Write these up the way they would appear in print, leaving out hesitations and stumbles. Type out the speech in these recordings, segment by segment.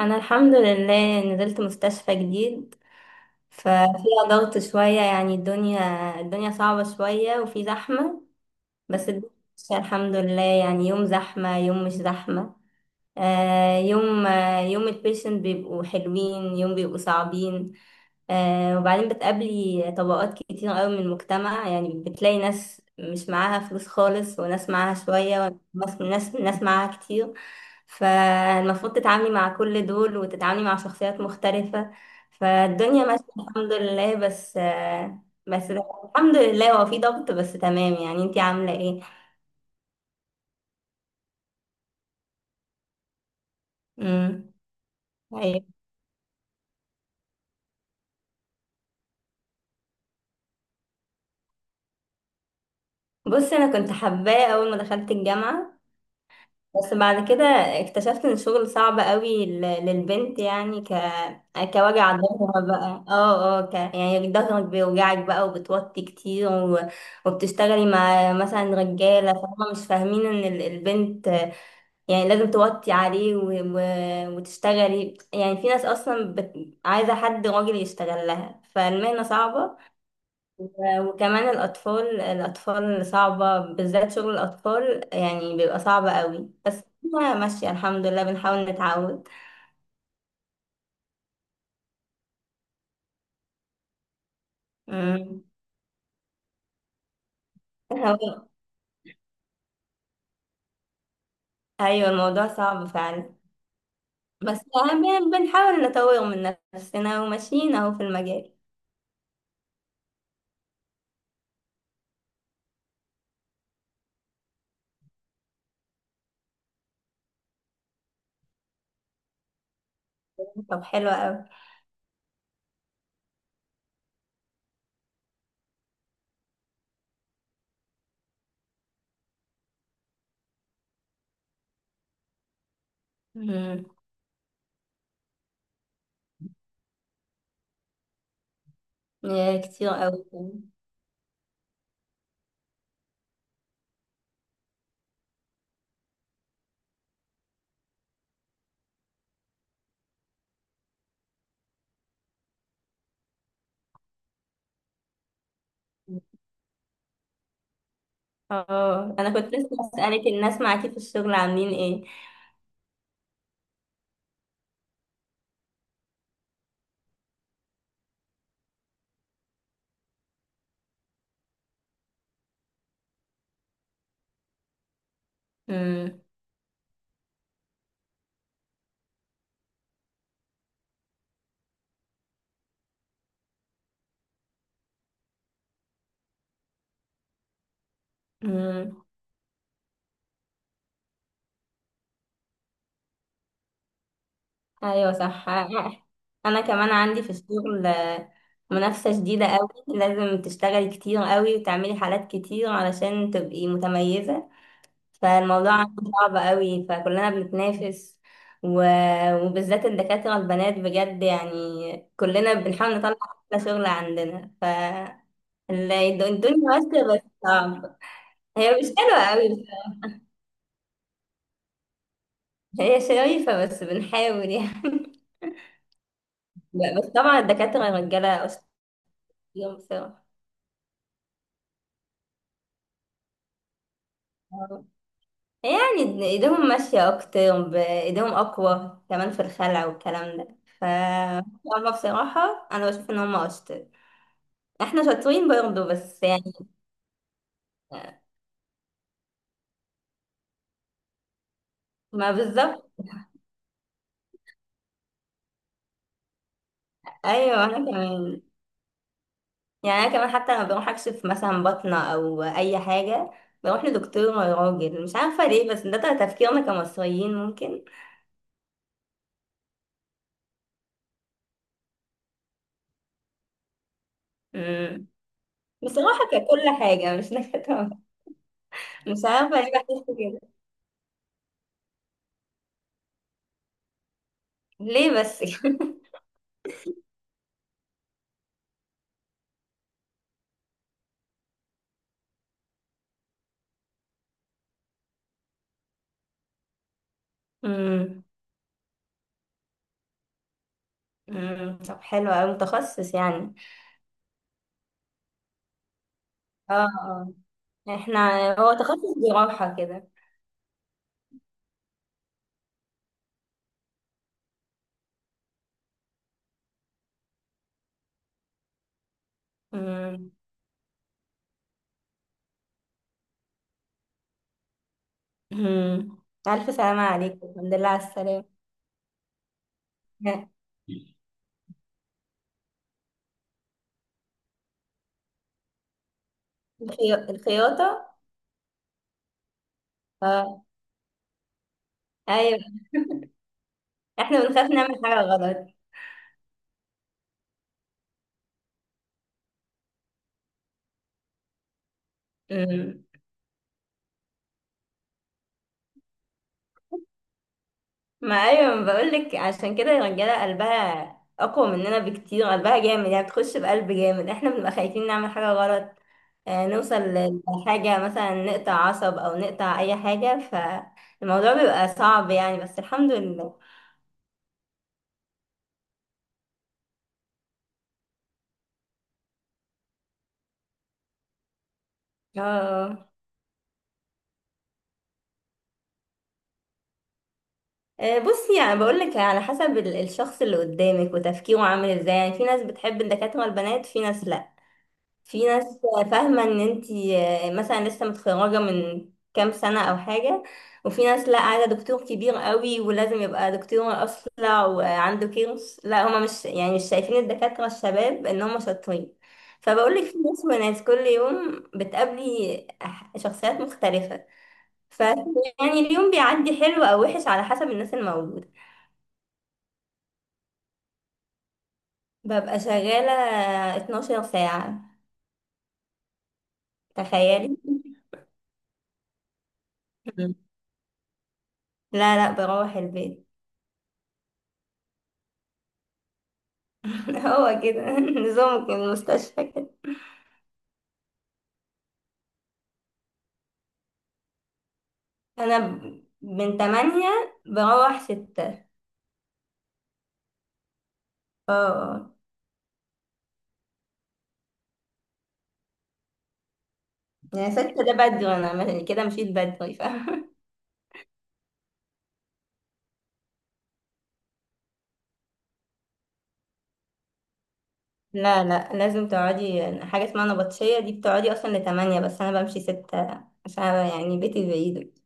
انا الحمد لله نزلت مستشفى جديد. ففيها ضغط شوية يعني الدنيا صعبة شوية وفي زحمة. بس الدنيا ماشية الحمد لله، يعني يوم زحمة يوم مش زحمة، يوم يوم البيشنت بيبقوا حلوين يوم بيبقوا صعبين. وبعدين بتقابلي طبقات كتير قوي من المجتمع، يعني بتلاقي ناس مش معاها فلوس خالص، وناس معاها شوية، وناس ناس ناس معاها كتير. فالمفروض تتعاملي مع كل دول وتتعاملي مع شخصيات مختلفة. فالدنيا ماشية الحمد لله، بس بس الحمد لله هو في ضغط، بس تمام. يعني انتي عاملة ايه؟ مم. أيوة. بصي انا كنت حباه اول ما دخلت الجامعة، بس بعد كده اكتشفت ان الشغل صعب قوي للبنت، يعني كوجع ظهرها بقى، يعني ظهرك بيوجعك بقى وبتوطي كتير وبتشتغلي مع مثلا رجالة فهم مش فاهمين ان البنت يعني لازم توطي عليه وتشتغلي، يعني في ناس اصلا عايزة حد راجل يشتغل لها، فالمهنة صعبة. وكمان الأطفال صعبة، بالذات شغل الأطفال يعني بيبقى صعب قوي. بس أنا ماشية الحمد لله، بنحاول نتعود. مم. هو- أيوة الموضوع صعب فعلا، بس أهم يعني بنحاول نطور من نفسنا وماشيين أهو في المجال. طب حلو قوي. مم. يا كتير قوي. اه أنا كنت لسه أسألك الناس معاكي في الشغل عاملين ايه. مم. مم. ايوه صح. انا كمان عندي في الشغل منافسة شديدة قوي، لازم تشتغلي كتير قوي وتعملي حالات كتير علشان تبقي متميزة. فالموضوع عندي صعب قوي، فكلنا بنتنافس، و... وبالذات الدكاترة البنات، بجد يعني كلنا بنحاول نطلع احلى شغل عندنا. ف الدنيا ماشية بس صعب. هي مش حلوة قوي بس. هي شريفة بس بنحاول يعني. بس طبعا الدكاترة الرجالة أشطر بصراحة. يعني ايديهم ماشية اكتر، ايديهم اقوى كمان في الخلع والكلام ده. ف هما بصراحة انا بشوف ان هما اشطر. احنا شاطرين برضه بس يعني ما بالظبط. ايوه انا كمان، يعني انا كمان حتى لما بروح اكشف مثلا بطنة او اي حاجة بروح لدكتور راجل، مش عارفة ليه، بس ده تفكيرنا كمصريين ممكن. امم. بصراحة ككل حاجة مش نكتة. مش عارفة ليه بحس كده. ليه بس مم. مم. طب حلو أوي متخصص يعني. اه اه، احنا هو تخصص جراحة كده. مم. مم. ألف سلامة عليكم، الحمد لله على السلامة. ها، الخياطة. اه. أيوة. احنا بنخاف نعمل حاجة غلط. مم. ما أيوة، ما بقولك عشان كده الرجالة قلبها أقوى مننا بكتير، قلبها جامد يعني بتخش بقلب جامد، احنا بنبقى خايفين نعمل حاجة غلط، نوصل لحاجة مثلا نقطع عصب أو نقطع أي حاجة، فالموضوع بيبقى صعب يعني، بس الحمد لله. اه. بصي يعني بقولك على حسب الشخص اللي قدامك وتفكيره عامل ازاي، يعني في ناس بتحب الدكاترة البنات، في ناس لا، في ناس فاهمة ان انتي مثلا لسه متخرجة من كام سنة او حاجة، وفي ناس لا عايزة دكتور كبير قوي ولازم يبقى دكتور اصلع وعنده كيرس، لا هما مش يعني مش شايفين الدكاترة الشباب ان هما شاطرين. فبقولك في ناس وناس، كل يوم بتقابلي شخصيات مختلفة. ف يعني اليوم بيعدي حلو او وحش على حسب الناس الموجودة. ببقى شغالة 12 ساعة، تخيلي. لا لا، بروح البيت، هو كده نظام المستشفى كده. انا من تمانية بروح ستة. اه آه. يعني ستة ده بدري، انا كده مشيت بدري فاهمة. لا لا، لازم تقعدي حاجة اسمها نبطشية، دي بتقعدي اصلا لتمانية، بس انا بمشي ستة عشان يعني بيتي بعيد.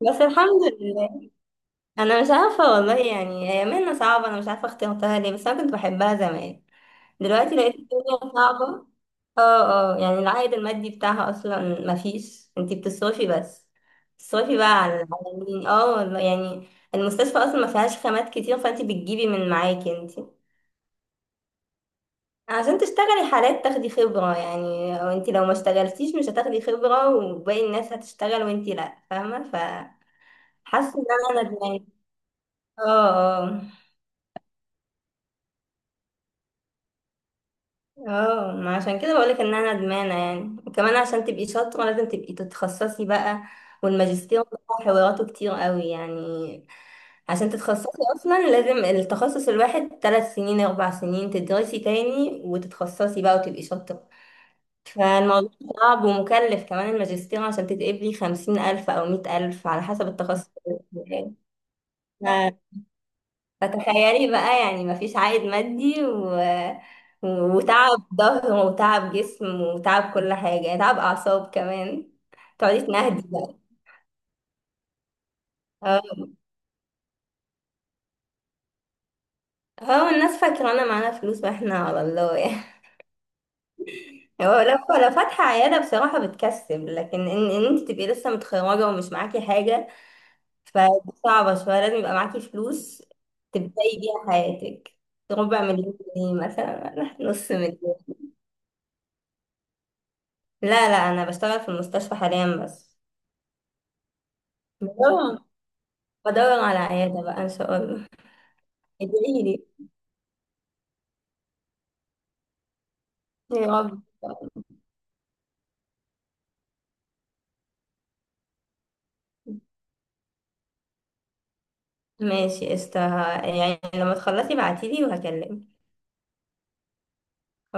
بس الحمد لله. انا مش عارفة والله، يعني هي مهنة صعبة، انا مش عارفة اخترتها ليه، بس انا كنت بحبها زمان. دلوقتي لقيت الدنيا صعبة. اه اه، يعني العائد المادي بتاعها اصلا مفيش، انتي بتصرفي بس، بتصرفي بقى على مين. اه والله يعني المستشفى اصلا ما فيهاش خامات كتير، فانتي بتجيبي من معاكي انتي عشان تشتغلي حالات تاخدي خبرة يعني، وانتي لو ما اشتغلتيش مش هتاخدي خبرة، وباقي الناس هتشتغل وانتي لا، فاهمة، فحاسة ان انا ندمانة. اه اه. اه ما عشان كده بقولك ان انا ندمانه يعني. وكمان عشان تبقي شاطره لازم تبقي تتخصصي بقى، والماجستير ده حواراته كتير قوي يعني. عشان تتخصصي اصلا لازم التخصص الواحد 3 سنين 4 سنين تدرسي تاني وتتخصصي بقى وتبقي شاطره. فالموضوع صعب ومكلف كمان الماجستير، عشان تتقبلي 50 الف او 100 الف على حسب التخصص. فتخيلي بقى، يعني مفيش عائد مادي وتعب ظهر وتعب جسم وتعب كل حاجة يعني، تعب أعصاب كمان. تقعدي تنهدي بقى. اه، هو الناس فاكرة أنا معانا فلوس واحنا على الله يعني. هو لو، لو فاتحة عيادة بصراحة بتكسب، لكن إن أنت تبقي لسه متخرجة ومش معاكي حاجة، فدي صعبة شوية، لازم يبقى معاكي فلوس تبدأي بيها حياتك، ربع مليون جنيه مثلا ولا نص مليون. لا لا أنا بشتغل في المستشفى حاليا بس، بدور على عيادة بقى إن شاء الله. ادعيلي. يا رب. ماشي قشطة، يعني لما تخلصي بعتيلي وهكلمك.